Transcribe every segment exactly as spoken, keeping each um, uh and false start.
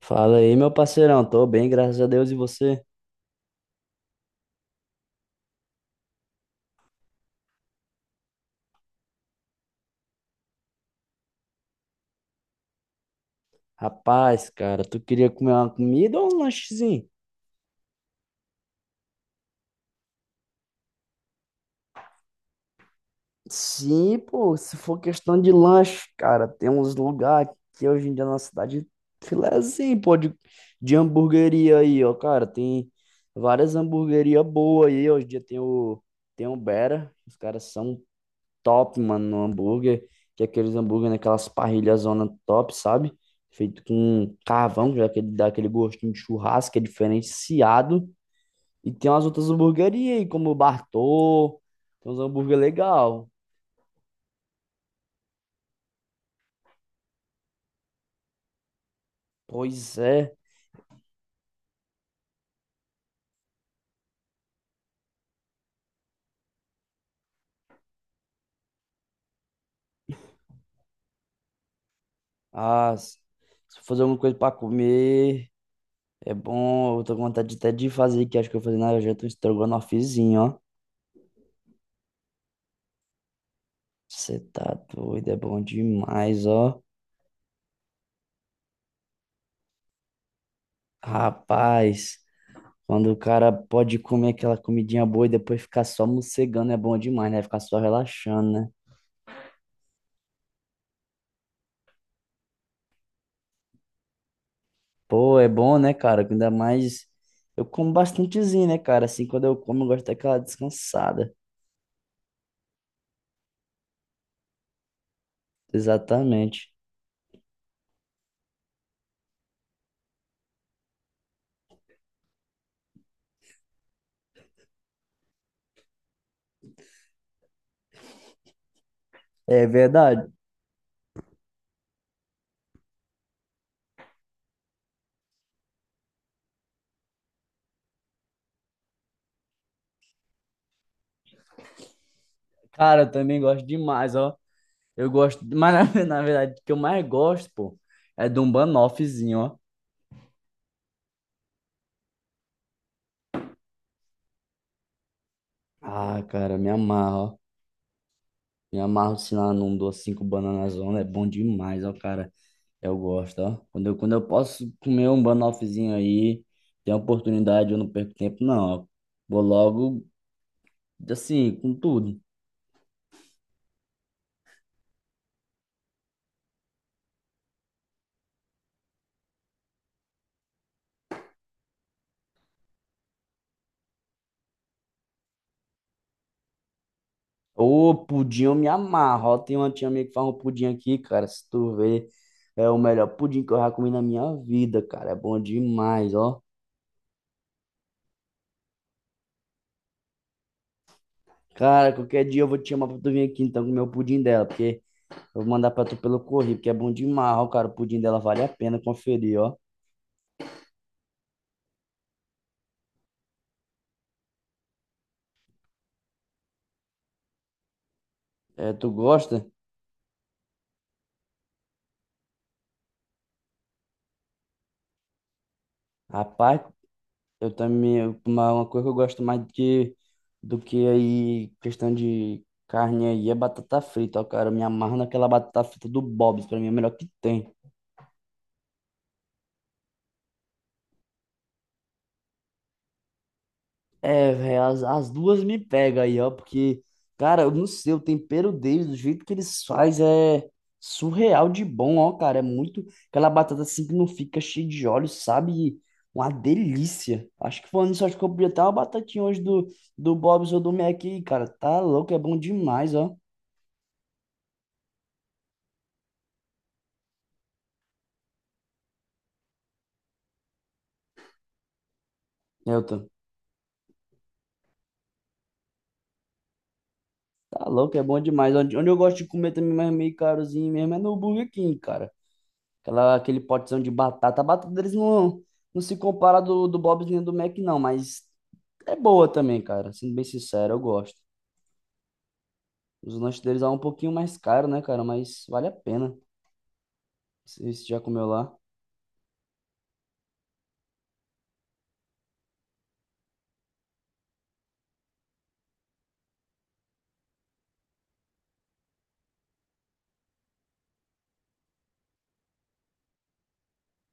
Fala aí, meu parceirão. Tô bem, graças a Deus. E você? Rapaz, cara, tu queria comer uma comida ou um lanchezinho? Sim, pô, se for questão de lanche, cara, tem uns lugares que hoje em dia na cidade filézinho, pô, de, de hamburgueria aí, ó, cara, tem várias hamburguerias boas aí, hoje em dia tem o, tem o Bera, os caras são top, mano, no hambúrguer, que é aqueles hambúrguer naquelas parrilhas zona top, sabe? Feito com carvão, já que ele dá aquele gostinho de churrasco, é diferenciado. E tem umas outras hamburguerias aí, como o Bartô, tem uns hambúrguer legal. Pois é, ah, se eu fazer alguma coisa pra comer, é bom, eu tô com vontade até de fazer, que acho que eu vou fazer na janta um estrogonofezinho, ó. Você tá doido, é bom demais, ó. Rapaz, quando o cara pode comer aquela comidinha boa e depois ficar só mocegando é bom demais, né? Ficar só relaxando, né? Pô, é bom, né, cara? Ainda mais eu como bastantezinho, né, cara? Assim, quando eu como, eu gosto daquela descansada. Exatamente. É verdade. Cara, eu também gosto demais, ó. Eu gosto, mas na ve- na verdade, o que eu mais gosto, pô, é de um banoffzinho, ó. Ah, cara, me amarro, ó. Me amarro, se lá num docinho com banana zona, é bom demais, ó, cara. Eu gosto, ó. Quando eu, quando eu posso comer um banoffzinho aí, tem oportunidade, eu não perco tempo, não. Ó, vou logo, assim, com tudo. Ô, pudim eu me amarro, ó. Tem uma tia minha que faz um pudim aqui, cara. Se tu ver, é o melhor pudim que eu já comi na minha vida, cara. É bom demais, ó. Cara, qualquer dia eu vou te chamar pra tu vir aqui, então, comer o pudim dela, porque eu vou mandar pra tu pelo correio, porque é bom demais, ó, cara. O pudim dela vale a pena conferir, ó. É, tu gosta? Rapaz, eu também, eu- uma, uma coisa que eu gosto mais do que, do que aí, questão de carne aí, é batata frita, ó, cara. Eu me amarro naquela batata frita do Bob's, pra mim é a melhor que tem. É, velho, as, as duas me pegam aí, ó, porque, cara, eu não sei, o tempero deles, do jeito que eles fazem, é surreal de bom, ó, cara. É muito, aquela batata assim que não fica cheia de óleo, sabe? Uma delícia. Acho que falando nisso, acho que eu podia até uma batatinha hoje do, do, Bob's ou do Mac aí, cara. Tá louco, é bom demais, ó. Eu tô. Tá louco, é bom demais. Onde, onde eu gosto de comer também, mas é meio carozinho mesmo, é no Burger King, cara. Aquela, aquele potezão de batata. A batata deles não, não se compara do, do Bob's nem do Mac, não, mas é boa também, cara. Sendo bem sincero, eu gosto. Os lanches deles é um pouquinho mais caro, né, cara? Mas vale a pena. Se se já comeu lá.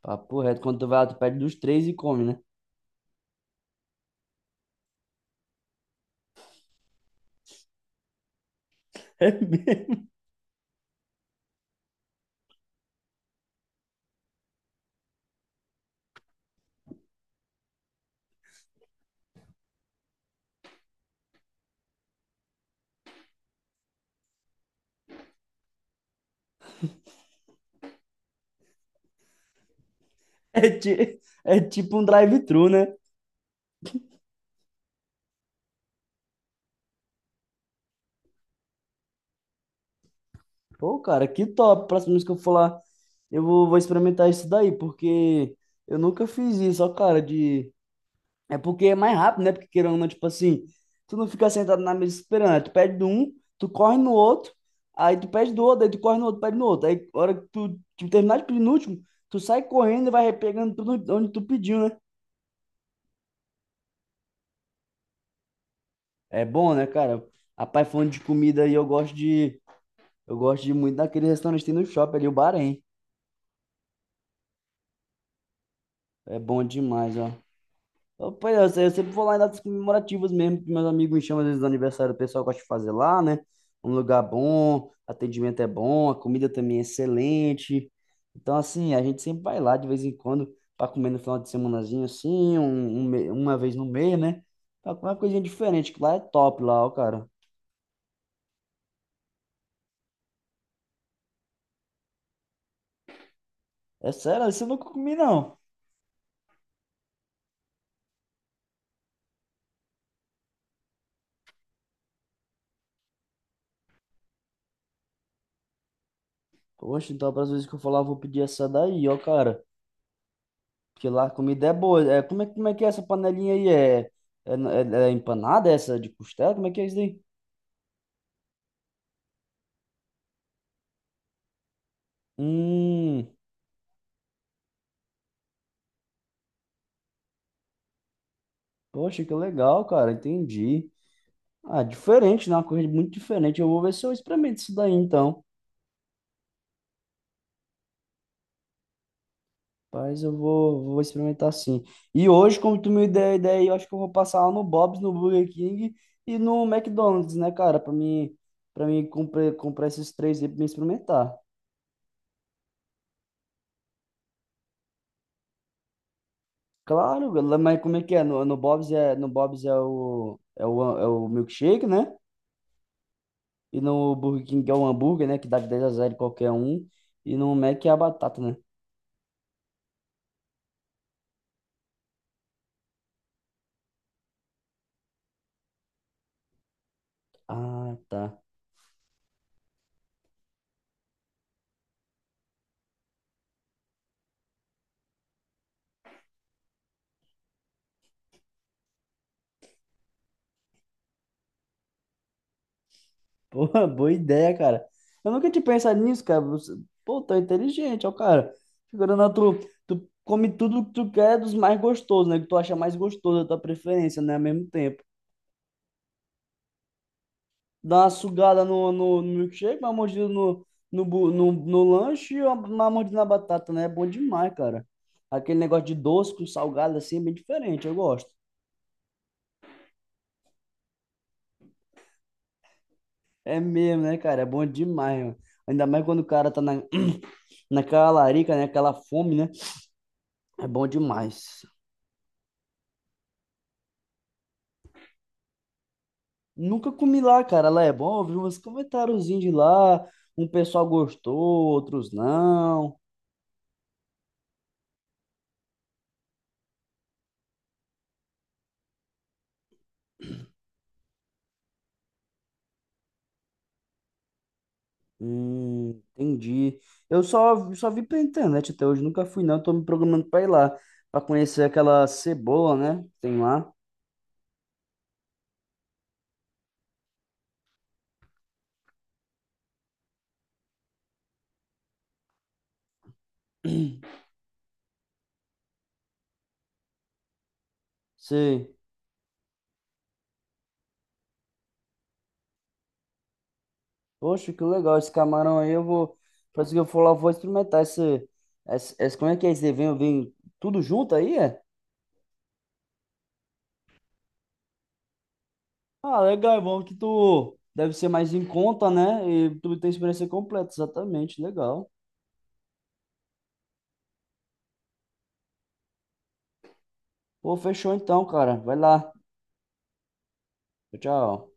Papo reto, quando tu vai lá, tu pede dos três e come, né? É mesmo. É, ti- é tipo um drive-thru, né? Pô, cara, que top. Próxima vez que eu for lá, eu vou, vou experimentar isso daí, porque eu nunca fiz isso, ó, cara, de... É porque é mais rápido, né? Porque querendo ou não, tipo assim, tu não fica sentado na mesa esperando, né? Tu pede de um, tu corre no outro, aí tu pede do outro, aí tu corre no outro, pede no outro. Aí, a hora que tu, tu terminar de pedir no último, tu sai correndo e vai pegando tudo onde tu pediu, né? É bom, né, cara? Rapaz, falando de comida aí, eu gosto de... Eu gosto de muito daquele restaurante que tem no shopping ali, o Bahrein. É bom demais, ó. Eu, pois é, eu, se- eu sempre vou lá em datas comemorativas mesmo, que meus amigos me chamam às vezes do aniversário, o pessoal gosta de fazer lá, né? Um lugar bom, atendimento é bom, a comida também é excelente. Então, assim, a gente sempre vai lá de vez em quando para comer no final de semanazinho, assim, um, um me- uma vez no mês, né? Pra comer uma coisinha diferente, que lá é top, lá, ó, cara. É sério, isso eu nunca comi, não. Poxa, então, para as vezes que eu falar, eu vou pedir essa daí, ó, cara. Porque lá a comida é boa. É, como é, como é que é essa panelinha aí? É, é, é- é empanada essa de costela? Como é que é isso daí? Hum, poxa, que legal, cara. Entendi. Ah, diferente, né? Uma coisa muito diferente. Eu vou ver se eu experimento isso daí, então. Mas eu vou, vou experimentar sim. E hoje, como tu me deu a ideia, aí, eu acho que eu vou passar lá no Bob's, no Burger King e no McDonald's, né, cara? Pra mim, pra mim comprar, comprar esses três aí pra mim experimentar. Claro, lá- mas como é que é? No, no Bob's é, no Bob's é o, é o, é o milkshake, né? E no Burger King é o hambúrguer, né? Que dá de dez a zero em qualquer um. E no Mac é a batata, né? Ah, tá. Pô, boa ideia, cara. Eu nunca tinha pensado nisso, cara. Você- Pô, tá inteligente, ó, cara. Figurando na tu, tu come tudo que tu quer dos mais gostosos, né? Que tu acha mais gostoso, da tua preferência, né? Ao mesmo tempo. Dá uma sugada no, no, no milkshake, uma mordida no, no, bu- no, no lanche e uma, uma mordida na batata, né? É bom demais, cara. Aquele negócio de doce com salgado assim é bem diferente, eu gosto. É mesmo, né, cara? É bom demais, mano. Ainda mais quando o cara tá na, naquela larica, né? Aquela fome, né? É bom demais. Nunca comi lá, cara. Lá é bom, eu vi uns comentáriozinhos de lá. Um pessoal gostou, outros não. Hum, entendi. Eu só, só vi pela internet até hoje, nunca fui não, tô me programando pra ir lá, pra conhecer aquela cebola, né? Que tem lá. Sei. Poxa, que legal esse camarão aí, eu vou, parece que eu for lá, eu vou experimentar esse, esse, esse- como é que é esse evento, vem tudo junto aí, é? Ah, legal, é bom que tu deve ser mais em conta, né? E tu tem experiência completa, exatamente, legal. Pô, fechou então, cara, vai lá. Tchau, tchau.